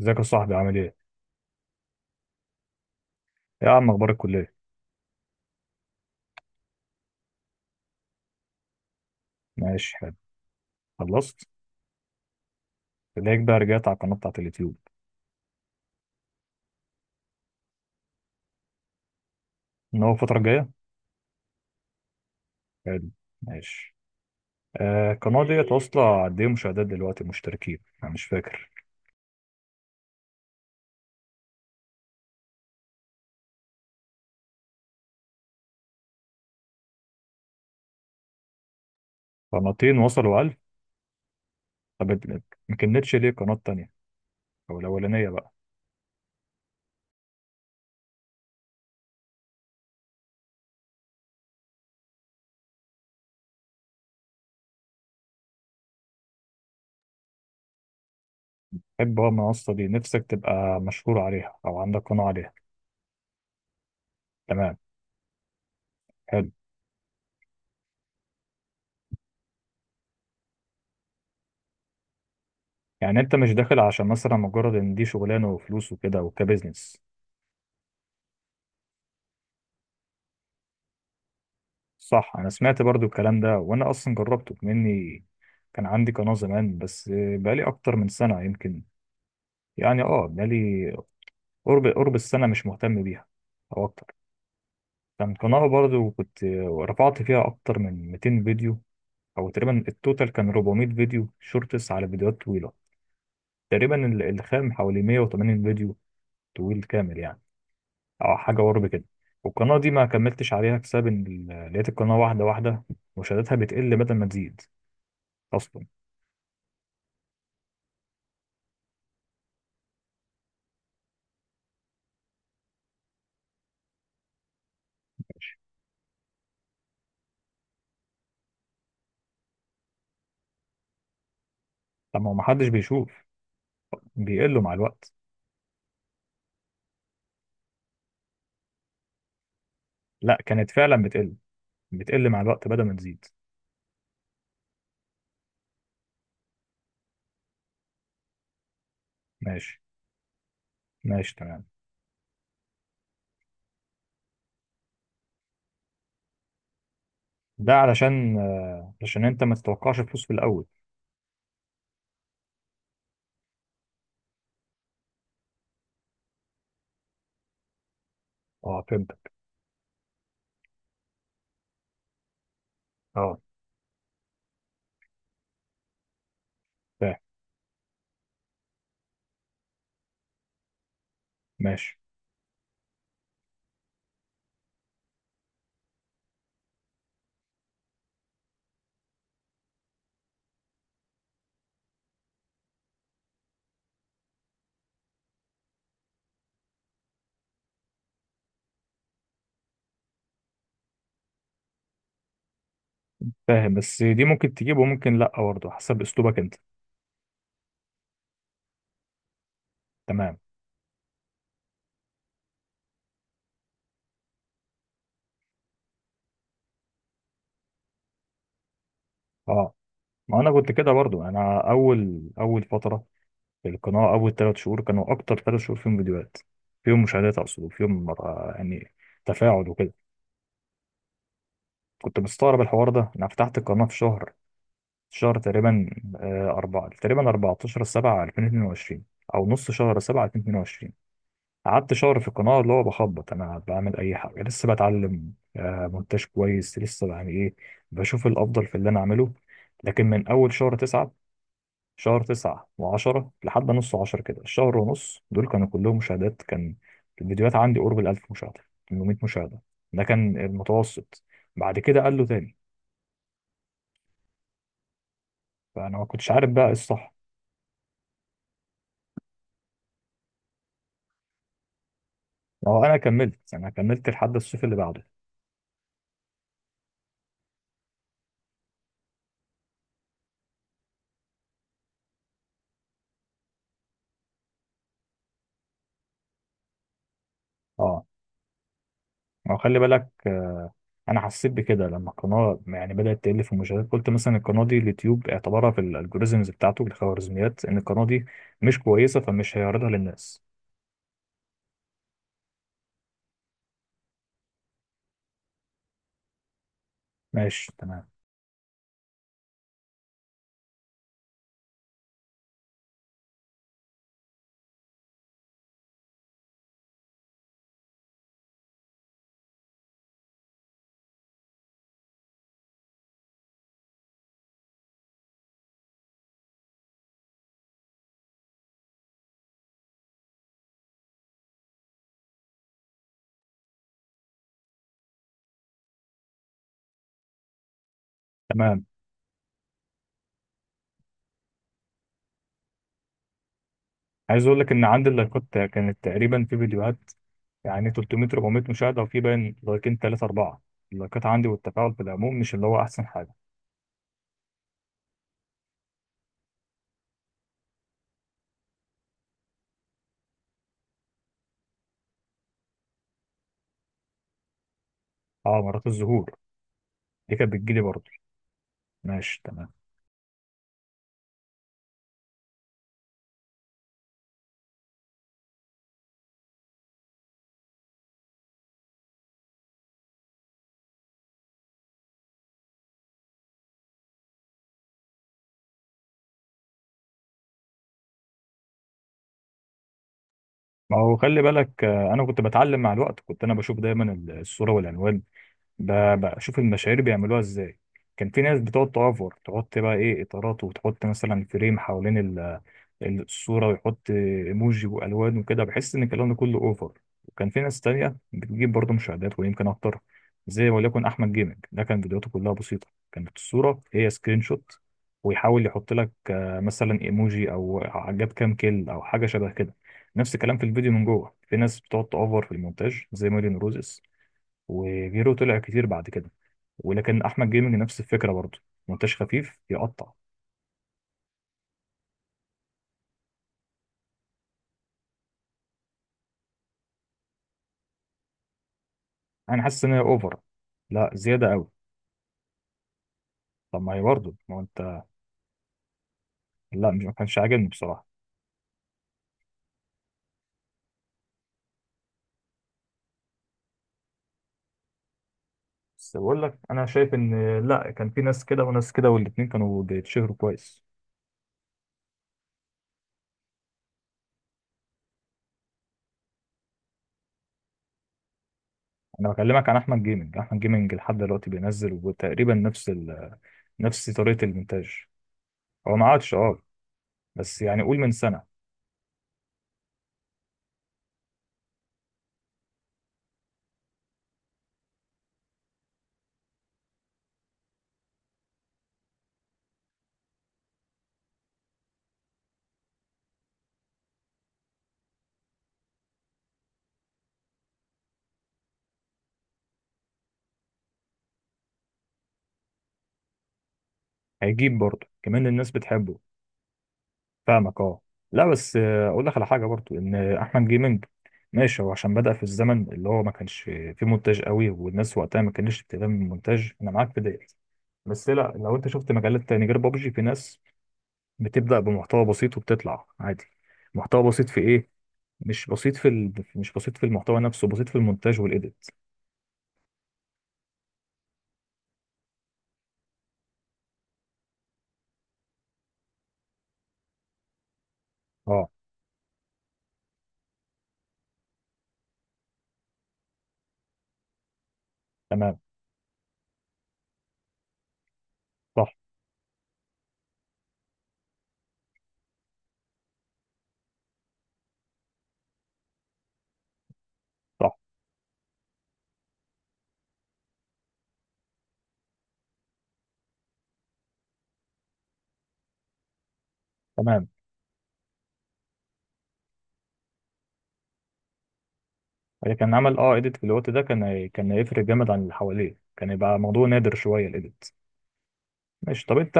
ازيك يا صاحبي، عامل ايه؟ يا عم، اخبار الكلية؟ ماشي، حلو. خلصت؟ تلاقيك بقى رجعت على القناة بتاعت اليوتيوب. ان هو الفترة الجاية؟ حلو. ماشي. آه، القناة ديت واصلة قد ايه مشاهدات دلوقتي، مشتركين؟ انا مش فاكر. قناتين وصلوا 1000. طب ما كملتش ليه قناة تانية؟ او الأولانية بقى. حب بقى المنصة دي، نفسك تبقى مشهور عليها او عندك قناة عليها. تمام. حلو. يعني انت مش داخل عشان مثلا مجرد ان دي شغلانة وفلوس وكده وكبزنس. صح، انا سمعت برضو الكلام ده وانا اصلا جربته مني. كان عندي قناة زمان بس. بقالي اكتر من سنة يمكن. يعني بقالي، قرب السنة مش مهتم بيها، او اكتر. كان قناة برضو كنت رفعت فيها اكتر من 200 فيديو. او تقريبا التوتال كان 400 فيديو شورتس على فيديوهات طويلة. تقريبا الخام حوالي 180 فيديو طويل كامل يعني، او حاجة قرب كده. والقناة دي ما كملتش عليها بسبب ان لقيت القناة واحدة واحدة مشاهداتها بتقل بدل ما تزيد اصلا. طب ما هو محدش بيشوف، بيقلوا مع الوقت. لا، كانت فعلا بتقل، بتقل مع الوقت بدل ما تزيد. ماشي. ماشي تمام. ده علشان انت ما تتوقعش فلوس في الاول. اه، فهمتك. اه. فاهم. ماشي. فاهم، بس دي ممكن تجيب وممكن لا برضه حسب اسلوبك انت. تمام. اه، ما انا كنت كده برضه، انا اول فتره في القناه، اول ثلاث شهور كانوا اكتر ثلاث شهور فيهم فيديوهات، فيهم مشاهدات اقصد، وفيهم يعني تفاعل وكده. كنت مستغرب الحوار ده. انا فتحت القناه في شهر تقريبا، أربعة تقريبا، 14 7 2022، أو نص شهر 7 2022. قعدت شهر في القناة اللي هو بخبط، أنا بعمل أي حاجة، لسه بتعلم مونتاج كويس، لسه يعني إيه، بشوف الأفضل في اللي أنا أعمله. لكن من أول شهر 9، شهر 9 و10 لحد نص 10 كده، الشهر ونص دول كانوا كلهم مشاهدات، كان الفيديوهات عندي قرب ال 1000 مشاهدة، 800 مشاهدة، ده كان المتوسط. بعد كده قال له تاني. فأنا ما كنتش عارف بقى إيه الصح. هو انا كملت لحد الصيف اللي بعده. اه، ما خلي بالك، انا حسيت بكده لما القناه يعني بدات تقل في المشاهدات، قلت مثلا القناه دي اليوتيوب اعتبرها في الالجوريزمز بتاعته، الخوارزميات، ان القناه دي مش كويسه فمش هيعرضها للناس. ماشي تمام. تمام. عايز اقول لك ان عندي اللايكات كانت تقريبا في فيديوهات يعني 300 400 مشاهده، وفي باين لايكين 3 4. اللايكات عندي والتفاعل في العموم مش اللي هو احسن حاجه. اه، مرات الظهور دي كانت بتجيلي برضه. ماشي تمام. ما هو خلي بالك، انا كنت بتعلم مع الوقت. كنت انا بشوف دايما الصوره والعنوان، بشوف المشاهير بيعملوها ازاي. كان في ناس بتقعد تأفور، تحط بقى ايه اطارات وتحط مثلا فريم حوالين الصورة، ويحط ايموجي والوان وكده، بحس ان الكلام ده كله اوفر. وكان في ناس تانية بتجيب برضه مشاهدات ويمكن اكتر، زي وليكن احمد جيمنج. ده كان فيديوهاته كلها بسيطة، كانت الصورة هي سكرين شوت، ويحاول يحط لك مثلا ايموجي او جاب كام كيل او حاجة شبه كده. نفس الكلام في الفيديو من جوه. في ناس بتقعد تأفور في المونتاج زي مارين روزس وغيره طلع كتير بعد كده، ولكن احمد جيمنج نفس الفكره برضه، مونتاج خفيف يقطع. انا حاسس ان هي اوفر، لا زياده قوي. طب ما هي برضه، ما هو انت. لا، مش ما كانش عاجبني بصراحه. بس بقول لك، انا شايف ان لا، كان في ناس كده وناس كده، والاتنين كانوا بيتشهروا كويس. انا بكلمك عن احمد جيمنج. احمد جيمنج لحد دلوقتي بينزل وتقريبا نفس ال... نفس طريقه المونتاج. هو ما عادش، اه، بس يعني قول من سنه. هيجيب برضه، كمان الناس بتحبه. فاهمك اه. لا بس، اقول لك على حاجه برضو ان احمد جيمنج ماشي، هو عشان بدأ في الزمن اللي هو ما كانش فيه مونتاج قوي، والناس وقتها ما كانتش بتهتم بالمونتاج، انا معاك في ديت. بس لا، لو انت شفت مجالات تاني غير بابجي، في ناس بتبدأ بمحتوى بسيط وبتطلع عادي. محتوى بسيط في ايه؟ مش بسيط في المحتوى نفسه، بسيط في المونتاج والايديت. اه. تمام. صح. صح تمام. هي كان عمل ايديت في الوقت ده، كان كان هيفرق جامد عن اللي حواليه، كان يبقى موضوع نادر شويه الايديت. ماشي. طب انت،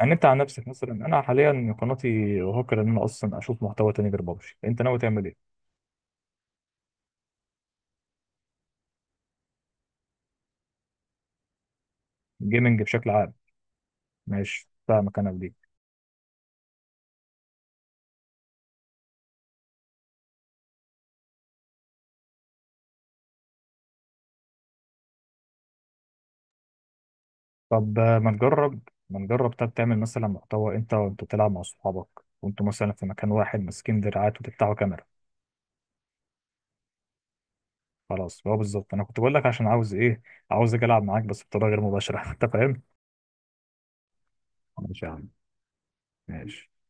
يعني انت عن نفسك مثلا، انا حاليا قناتي هوكر ان انا اصلا اشوف محتوى تاني غير بابجي، انت ناوي تعمل ايه؟ جيمنج بشكل عام. ماشي، فاهمك انا في دي. طب ما نجرب. ما نجرب، طب تعمل مثلا محتوى انت وانت بتلعب مع صحابك، وانتوا مثلا في مكان واحد ماسكين دراعات وتفتحوا كاميرا. خلاص، هو بالظبط انا كنت بقول لك عشان عاوز ايه. عاوز اجي العب معاك بس بطريقه غير مباشره انت فاهم. ماشي يا عم، ماشي.